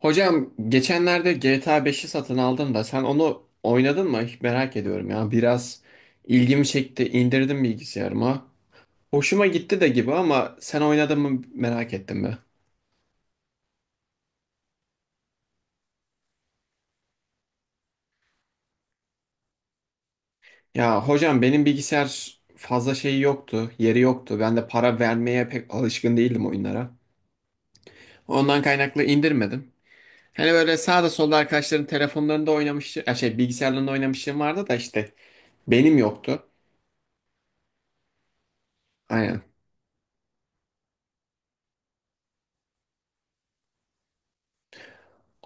Hocam geçenlerde GTA 5'i satın aldım da sen onu oynadın mı? Hiç merak ediyorum ya. Biraz ilgimi çekti. İndirdim bilgisayarıma. Hoşuma gitti de gibi ama sen oynadın mı merak ettim be. Ya hocam benim bilgisayar fazla şeyi yoktu, yeri yoktu. Ben de para vermeye pek alışkın değildim oyunlara. Ondan kaynaklı indirmedim. Hani böyle sağda solda arkadaşların telefonlarında oynamıştı, ya şey bilgisayarlarında oynamışlığım vardı da işte benim yoktu. Aynen.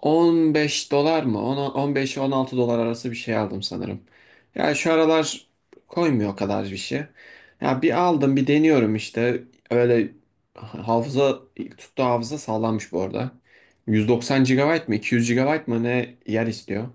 15 dolar mı? 15-16 dolar arası bir şey aldım sanırım. Ya şu aralar koymuyor o kadar bir şey. Ya bir aldım bir deniyorum işte. Öyle hafıza tuttu. Hafıza sağlammış bu arada. 190 GB mı 200 GB mı ne yer istiyor.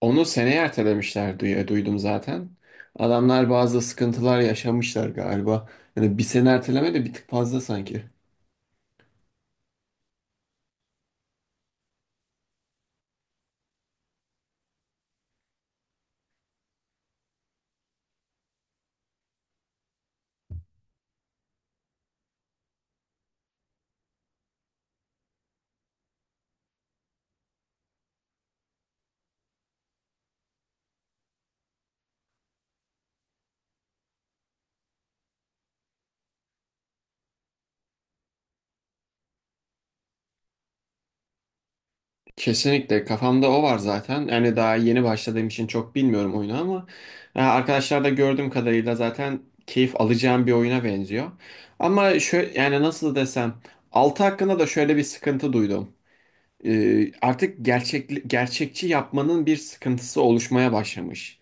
Onu seneye ertelemişler diye duydum zaten. Adamlar bazı sıkıntılar yaşamışlar galiba. Yani bir sene erteleme de bir tık fazla sanki. Kesinlikle kafamda o var zaten. Yani daha yeni başladığım için çok bilmiyorum oyunu ama arkadaşlar da gördüğüm kadarıyla zaten keyif alacağım bir oyuna benziyor. Ama şöyle yani nasıl desem 6 hakkında da şöyle bir sıkıntı duydum. Artık gerçekçi yapmanın bir sıkıntısı oluşmaya başlamış.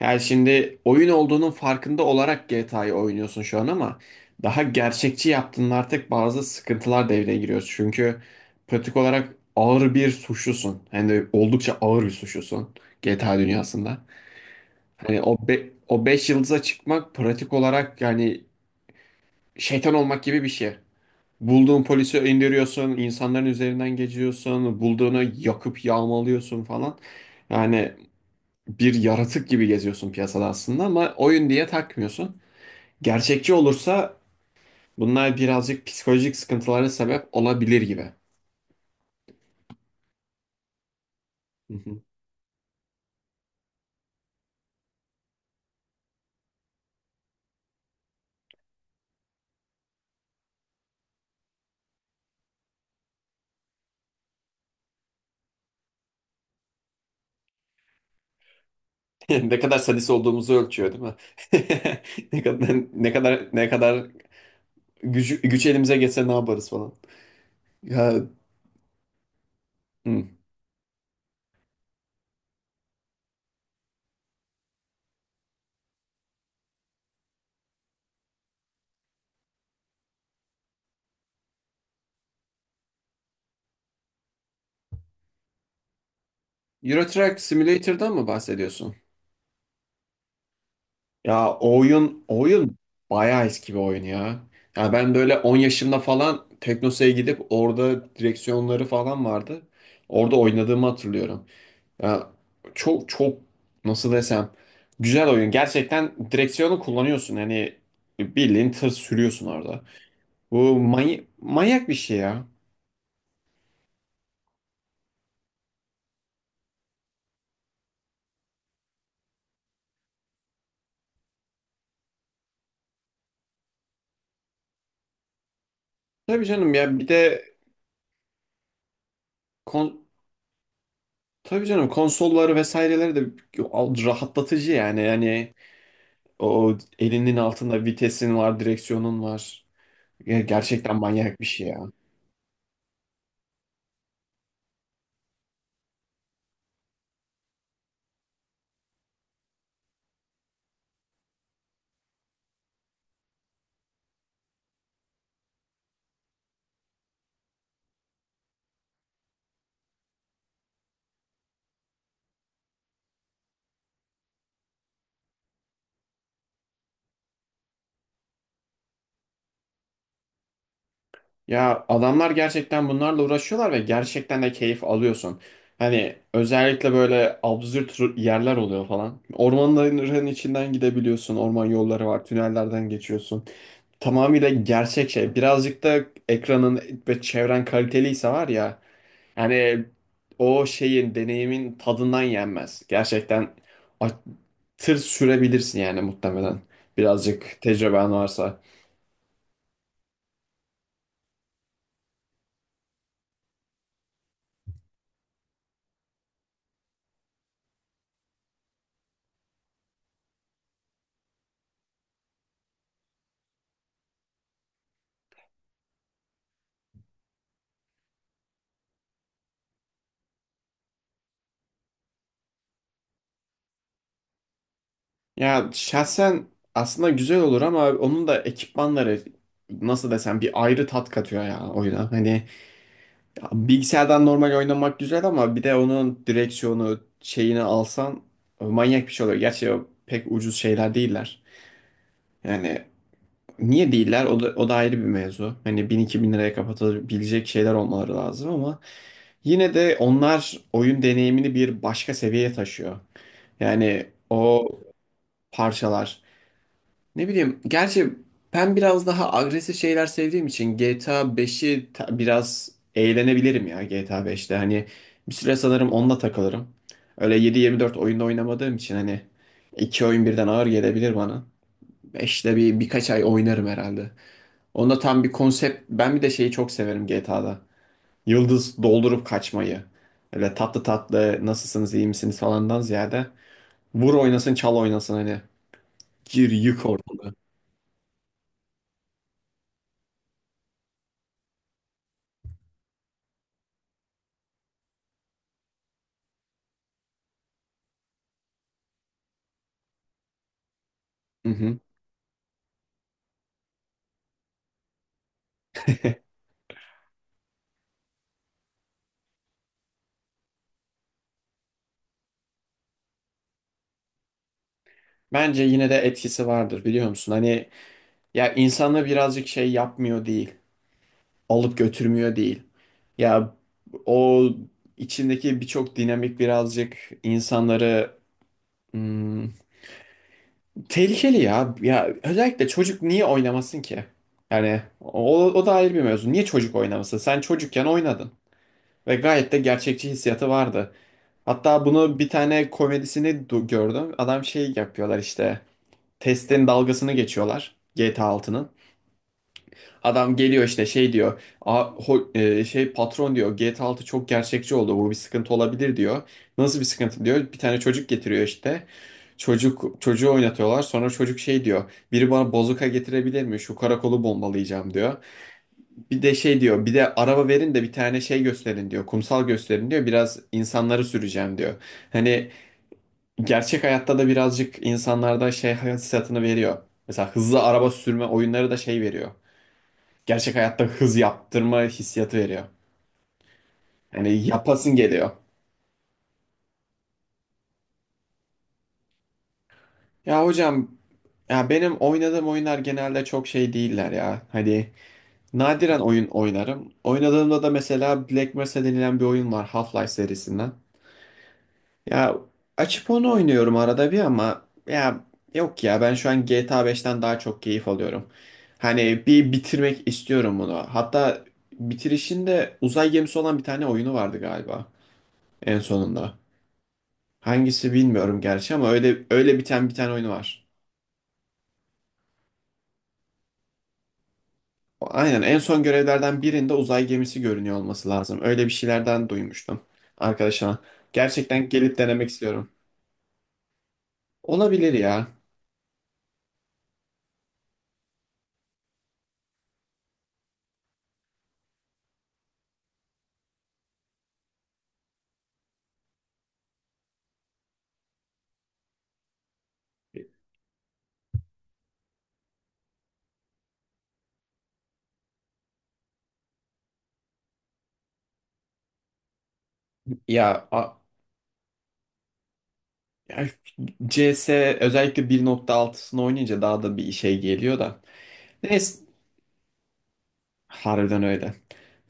Yani şimdi oyun olduğunun farkında olarak GTA'yı oynuyorsun şu an ama daha gerçekçi yaptığında artık bazı sıkıntılar devreye giriyor. Çünkü pratik olarak ağır bir suçlusun. Hani oldukça ağır bir suçlusun GTA dünyasında. Hani o 5 yıldıza çıkmak pratik olarak yani şeytan olmak gibi bir şey. Bulduğun polisi indiriyorsun, insanların üzerinden geçiyorsun, bulduğunu yakıp yağmalıyorsun falan. Yani bir yaratık gibi geziyorsun piyasada aslında ama oyun diye takmıyorsun. Gerçekçi olursa bunlar birazcık psikolojik sıkıntılara sebep olabilir gibi. Hı hı. Ne kadar sadist olduğumuzu ölçüyor değil mi? Ne kadar güç elimize geçse ne yaparız falan. Ya, hı. Euro Truck Simulator'dan mı bahsediyorsun? Ya o oyun bayağı eski bir oyun ya. Ya ben böyle 10 yaşımda falan Teknosa'ya gidip orada direksiyonları falan vardı. Orada oynadığımı hatırlıyorum. Ya çok çok nasıl desem güzel oyun. Gerçekten direksiyonu kullanıyorsun. Hani bildiğin tır sürüyorsun orada. Bu manyak bir şey ya. Tabii canım ya bir de kon tabii canım konsolları vesaireleri de rahatlatıcı yani. Yani o elinin altında vitesin var, direksiyonun var. Ya gerçekten manyak bir şey ya. Ya adamlar gerçekten bunlarla uğraşıyorlar ve gerçekten de keyif alıyorsun. Hani özellikle böyle absürt yerler oluyor falan. Ormanların içinden gidebiliyorsun. Orman yolları var. Tünellerden geçiyorsun. Tamamıyla gerçek şey. Birazcık da ekranın ve çevren kaliteliyse var ya. Yani o şeyin, deneyimin tadından yenmez. Gerçekten a- tır sürebilirsin yani muhtemelen. Birazcık tecrüben varsa. Ya şahsen aslında güzel olur ama onun da ekipmanları nasıl desem bir ayrı tat katıyor ya oyuna. Hani bilgisayardan normal oynamak güzel ama bir de onun direksiyonu şeyini alsan manyak bir şey oluyor. Gerçi o pek ucuz şeyler değiller. Yani niye değiller? O da, o da ayrı bir mevzu. Hani 1000-2000 liraya kapatabilecek şeyler olmaları lazım ama yine de onlar oyun deneyimini bir başka seviyeye taşıyor. Yani o parçalar. Ne bileyim, gerçi ben biraz daha agresif şeyler sevdiğim için GTA 5'i biraz eğlenebilirim ya GTA 5'te. Hani bir süre sanırım onunla takılırım. Öyle 7-24 oyunda oynamadığım için hani iki oyun birden ağır gelebilir bana. 5'te birkaç ay oynarım herhalde. Onda tam bir konsept. Ben bir de şeyi çok severim GTA'da. Yıldız doldurup kaçmayı. Öyle tatlı tatlı nasılsınız iyi misiniz falandan ziyade. Vur oynasın çal oynasın hani. Gir yık orada. Hı hı. Bence yine de etkisi vardır biliyor musun? Hani ya insanı birazcık şey yapmıyor değil. Alıp götürmüyor değil. Ya o içindeki birçok dinamik birazcık insanları hmm, Tehlikeli ya. Ya özellikle çocuk niye oynamasın ki? Yani o, o da ayrı bir mevzu. Niye çocuk oynamasın? Sen çocukken oynadın ve gayet de gerçekçi hissiyatı vardı. Hatta bunu bir tane komedisini gördüm. Adam şey yapıyorlar işte. Testin dalgasını geçiyorlar GTA 6'nın. Adam geliyor işte şey diyor. Şey patron diyor GTA 6 çok gerçekçi oldu. Bu bir sıkıntı olabilir diyor. Nasıl bir sıkıntı diyor. Bir tane çocuk getiriyor işte. Çocuk çocuğu oynatıyorlar. Sonra çocuk şey diyor. Biri bana bozuka getirebilir mi? Şu karakolu bombalayacağım diyor. Bir de şey diyor. Bir de araba verin de bir tane şey gösterin diyor. Kumsal gösterin diyor. Biraz insanları süreceğim diyor. Hani gerçek hayatta da birazcık insanlarda şey hissiyatını veriyor. Mesela hızlı araba sürme oyunları da şey veriyor. Gerçek hayatta hız yaptırma hissiyatı veriyor. Hani yapasın geliyor. Ya hocam ya benim oynadığım oyunlar genelde çok şey değiller ya. Hani nadiren oyun oynarım. Oynadığımda da mesela Black Mesa denilen bir oyun var Half-Life serisinden. Ya açıp onu oynuyorum arada bir ama ya yok ya ben şu an GTA 5'ten daha çok keyif alıyorum. Hani bir bitirmek istiyorum bunu. Hatta bitirişinde uzay gemisi olan bir tane oyunu vardı galiba en sonunda. Hangisi bilmiyorum gerçi ama öyle öyle biten bir tane oyunu var. Aynen en son görevlerden birinde uzay gemisi görünüyor olması lazım. Öyle bir şeylerden duymuştum arkadaşıma. Gerçekten gelip denemek istiyorum. Olabilir ya. Ya, a- ya, CS özellikle 1.6'sını oynayınca daha da bir şey geliyor da. Neyse harbiden öyle.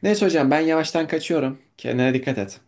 Neyse hocam ben yavaştan kaçıyorum. Kendine dikkat et.